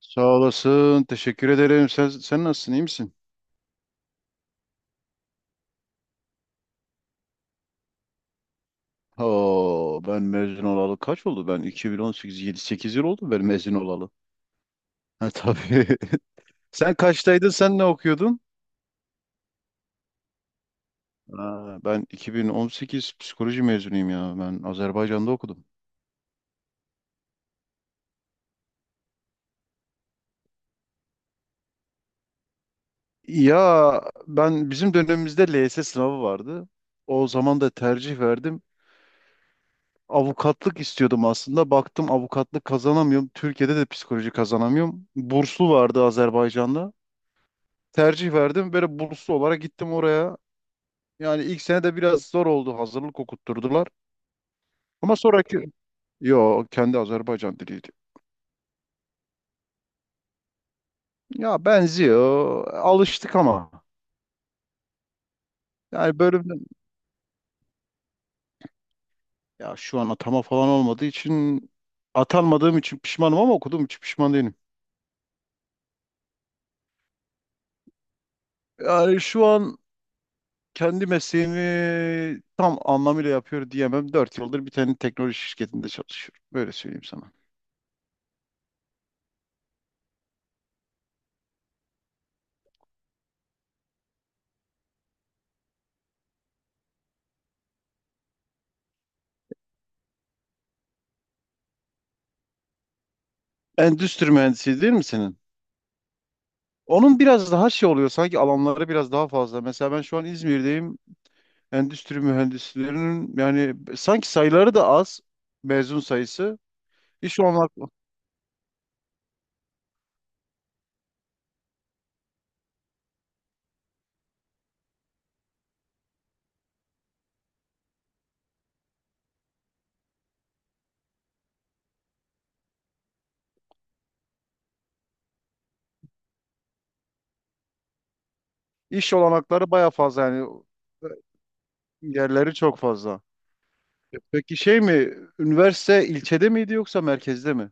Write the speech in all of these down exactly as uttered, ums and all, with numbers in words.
Sağ olasın. Teşekkür ederim. Sen, sen nasılsın? İyi misin? Oo, ben mezun olalı kaç oldu? Ben iki bin on sekiz, yedi sekiz yıl oldu ben mezun olalı. Ha, tabii. Sen kaçtaydın? Sen ne okuyordun? Ha, ben iki bin on sekiz psikoloji mezunuyum ya. Ben Azerbaycan'da okudum. Ya, ben bizim dönemimizde L Y S sınavı vardı. O zaman da tercih verdim. Avukatlık istiyordum aslında. Baktım avukatlık kazanamıyorum. Türkiye'de de psikoloji kazanamıyorum. Burslu vardı Azerbaycan'da. Tercih verdim. Böyle burslu olarak gittim oraya. Yani ilk sene de biraz zor oldu. Hazırlık okutturdular. Ama sonraki... Yo, kendi Azerbaycan diliydi. Ya benziyor. Alıştık ama. Yani bölümden... Ya şu an atama falan olmadığı için... Atanmadığım için pişmanım ama okuduğum için pişman değilim. Yani şu an kendi mesleğimi tam anlamıyla yapıyor diyemem. Dört yıldır bir tane teknoloji şirketinde çalışıyorum. Böyle söyleyeyim sana. Endüstri mühendisi değil mi senin? Onun biraz daha şey oluyor sanki, alanları biraz daha fazla. Mesela ben şu an İzmir'deyim. Endüstri mühendislerinin yani sanki sayıları da az, mezun sayısı. İş olanak iş olanakları baya fazla yani, yerleri çok fazla. Peki şey mi, üniversite ilçede miydi yoksa merkezde mi?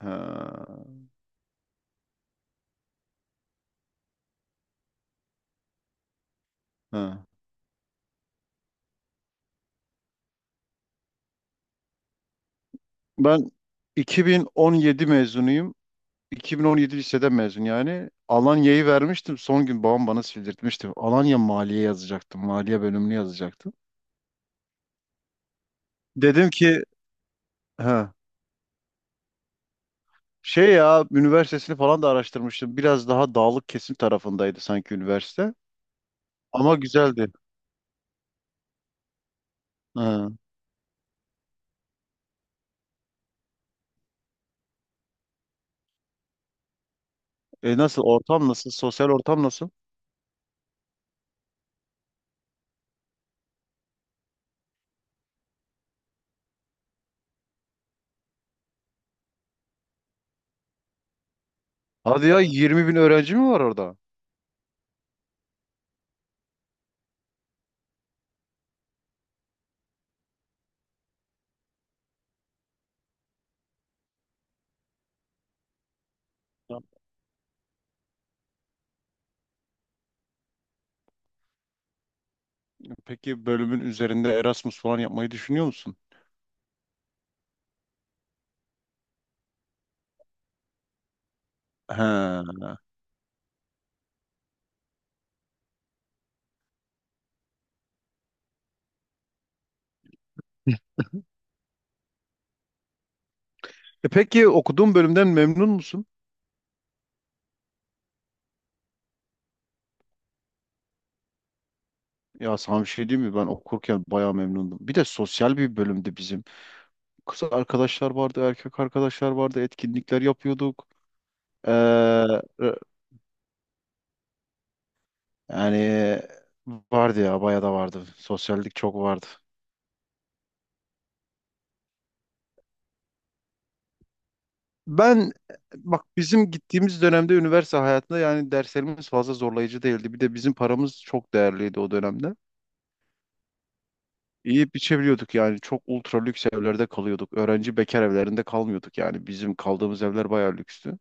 Ha, ha. Ben iki bin on yedi mezunuyum. iki bin on yedi lisede mezun yani. Alanya'yı vermiştim. Son gün babam bana sildirtmişti. Alanya Maliye yazacaktım. Maliye bölümünü yazacaktım. Dedim ki ha şey ya, üniversitesini falan da araştırmıştım. Biraz daha dağlık kesim tarafındaydı sanki üniversite. Ama güzeldi. Ha. E nasıl ortam nasıl? Sosyal ortam nasıl? Hadi ya, yirmi bin öğrenci mi var orada? Ya, peki bölümün üzerinde Erasmus falan yapmayı düşünüyor musun? He. E peki okuduğun bölümden memnun musun? Ya sana bir şey diyeyim mi? Ben okurken bayağı memnundum. Bir de sosyal bir bölümdü bizim. Kız arkadaşlar vardı, erkek arkadaşlar vardı. Etkinlikler yapıyorduk. Ee, e, yani vardı ya, bayağı da vardı. Sosyallik çok vardı. Ben bak, bizim gittiğimiz dönemde üniversite hayatında yani derslerimiz fazla zorlayıcı değildi. Bir de bizim paramız çok değerliydi o dönemde. İyi biçebiliyorduk yani. Çok ultra lüks evlerde kalıyorduk. Öğrenci bekar evlerinde kalmıyorduk yani. Bizim kaldığımız evler bayağı lükstü.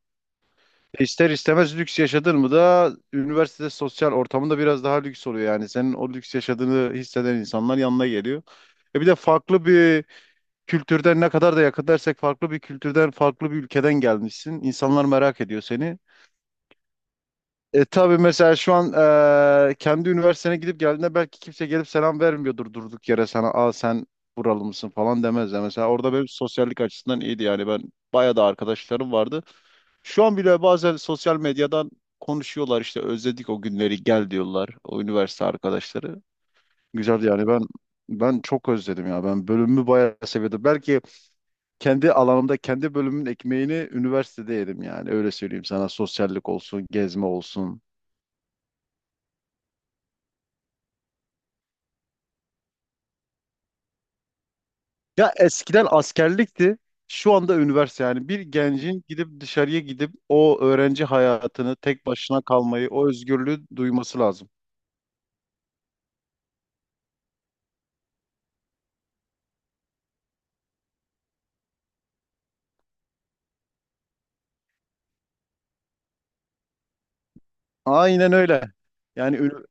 İster istemez lüks yaşadın mı da üniversitede sosyal ortamında biraz daha lüks oluyor yani. Senin o lüks yaşadığını hisseden insanlar yanına geliyor. E bir de farklı bir kültürden, ne kadar da yakın dersek, farklı bir kültürden, farklı bir ülkeden gelmişsin. İnsanlar merak ediyor seni. E tabii mesela şu an eee, kendi üniversitene gidip geldiğinde belki kimse gelip selam vermiyordur durduk yere sana. Aa, sen buralı mısın falan demezler. Mesela orada benim sosyallik açısından iyiydi yani, ben bayağı da arkadaşlarım vardı. Şu an bile bazen sosyal medyadan konuşuyorlar işte, özledik o günleri gel diyorlar o üniversite arkadaşları. Güzel yani, ben ben çok özledim ya, ben bölümümü bayağı seviyordum. Belki kendi alanımda kendi bölümün ekmeğini üniversitede yedim yani, öyle söyleyeyim sana, sosyallik olsun, gezme olsun. Ya eskiden askerlikti. Şu anda üniversite yani, bir gencin gidip dışarıya gidip o öğrenci hayatını tek başına kalmayı, o özgürlüğü duyması lazım. Aynen öyle. Yani ünü-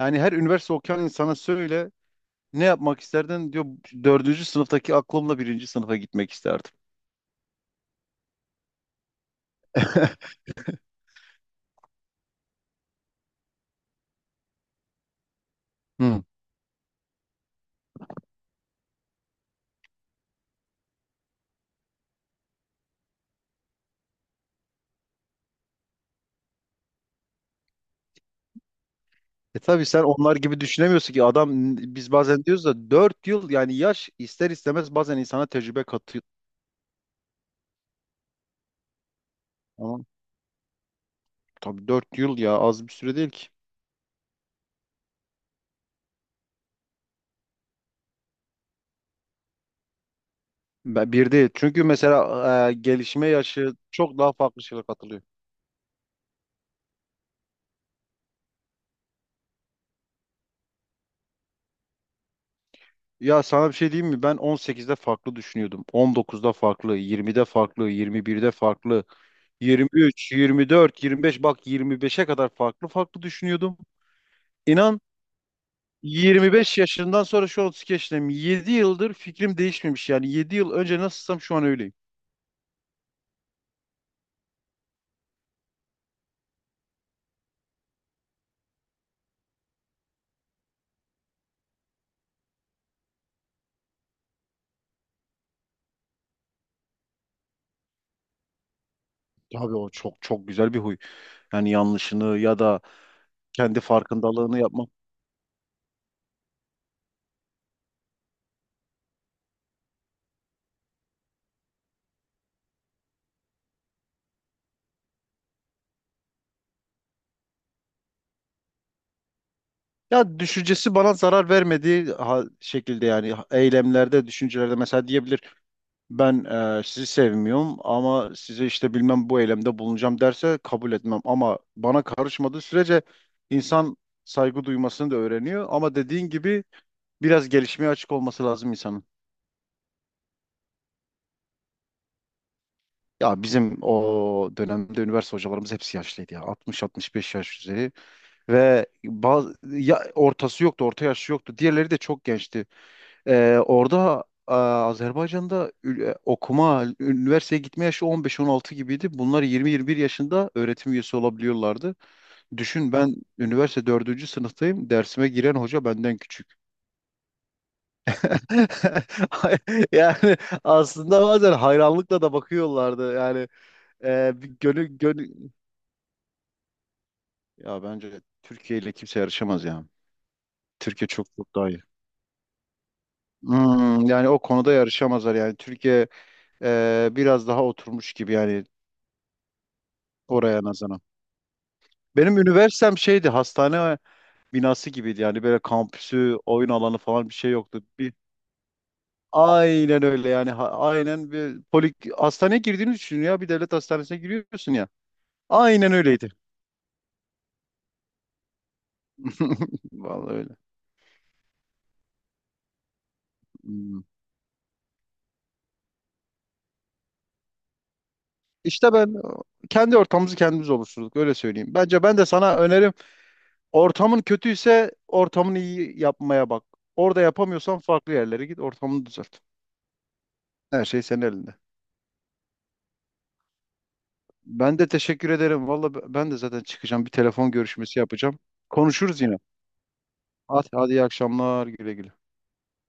Yani her üniversite okuyan insana söyle, ne yapmak isterdin diyor. Dördüncü sınıftaki aklımla birinci sınıfa gitmek isterdim. Hı. E tabii sen onlar gibi düşünemiyorsun ki adam, biz bazen diyoruz da dört yıl yani yaş ister istemez bazen insana tecrübe katıyor. Tamam. Tabii dört yıl ya, az bir süre değil ki. Be- Bir değil. Çünkü mesela e, gelişme yaşı çok daha farklı şeyler katılıyor. Ya sana bir şey diyeyim mi? Ben on sekizde farklı düşünüyordum. on dokuzda farklı, yirmide farklı, yirmi birde farklı, yirmi üç, yirmi dört, yirmi beş, bak yirmi beşe kadar farklı farklı düşünüyordum. İnan, yirmi beş yaşından sonra, şu otuz iki yaşındayım, yedi yıldır fikrim değişmemiş. Yani yedi yıl önce nasılsam şu an öyleyim. Abi o çok çok güzel bir huy. Yani yanlışını ya da kendi farkındalığını yapmak. Ya, düşüncesi bana zarar vermediği ha- şekilde yani, eylemlerde, düşüncelerde, mesela diyebilir ben e, sizi sevmiyorum ama size işte bilmem bu eylemde bulunacağım derse kabul etmem, ama bana karışmadığı sürece insan saygı duymasını da öğreniyor, ama dediğin gibi biraz gelişmeye açık olması lazım insanın. Ya bizim o dönemde üniversite hocalarımız hepsi yaşlıydı ya, altmış altmış beş yaş üzeri, ve bazı, ya ortası yoktu, orta yaşı yoktu. Diğerleri de çok gençti. Ee, orada e, Azerbaycan'da ül- okuma, üniversiteye gitme yaşı on beşle on altı gibiydi. Bunlar yirmi yirmi bir yaşında öğretim üyesi olabiliyorlardı. Düşün, ben üniversite dördüncü sınıftayım. Dersime giren hoca benden küçük. Yani aslında bazen hayranlıkla da bakıyorlardı. Yani e, bir gönül, gönül... Ya bence Türkiye ile kimse yarışamaz ya. Türkiye çok çok daha iyi. Hmm, yani o konuda yarışamazlar yani. Türkiye e, biraz daha oturmuş gibi yani, oraya nazaran. Benim üniversitem şeydi, hastane binası gibiydi yani, böyle kampüsü, oyun alanı falan bir şey yoktu. Bir, aynen öyle yani, ha- aynen bir polik hastaneye girdiğini düşün ya, bir devlet hastanesine giriyorsun ya. Aynen öyleydi. Vallahi öyle. Hmm. İşte ben kendi ortamımızı kendimiz oluşturduk, öyle söyleyeyim. Bence, ben de sana önerim, ortamın kötüyse ortamını iyi yapmaya bak. Orada yapamıyorsan farklı yerlere git, ortamını düzelt. Her şey senin elinde. Ben de teşekkür ederim. Valla ben de zaten çıkacağım. Bir telefon görüşmesi yapacağım. Konuşuruz yine. Hadi, hadi iyi akşamlar. Güle güle.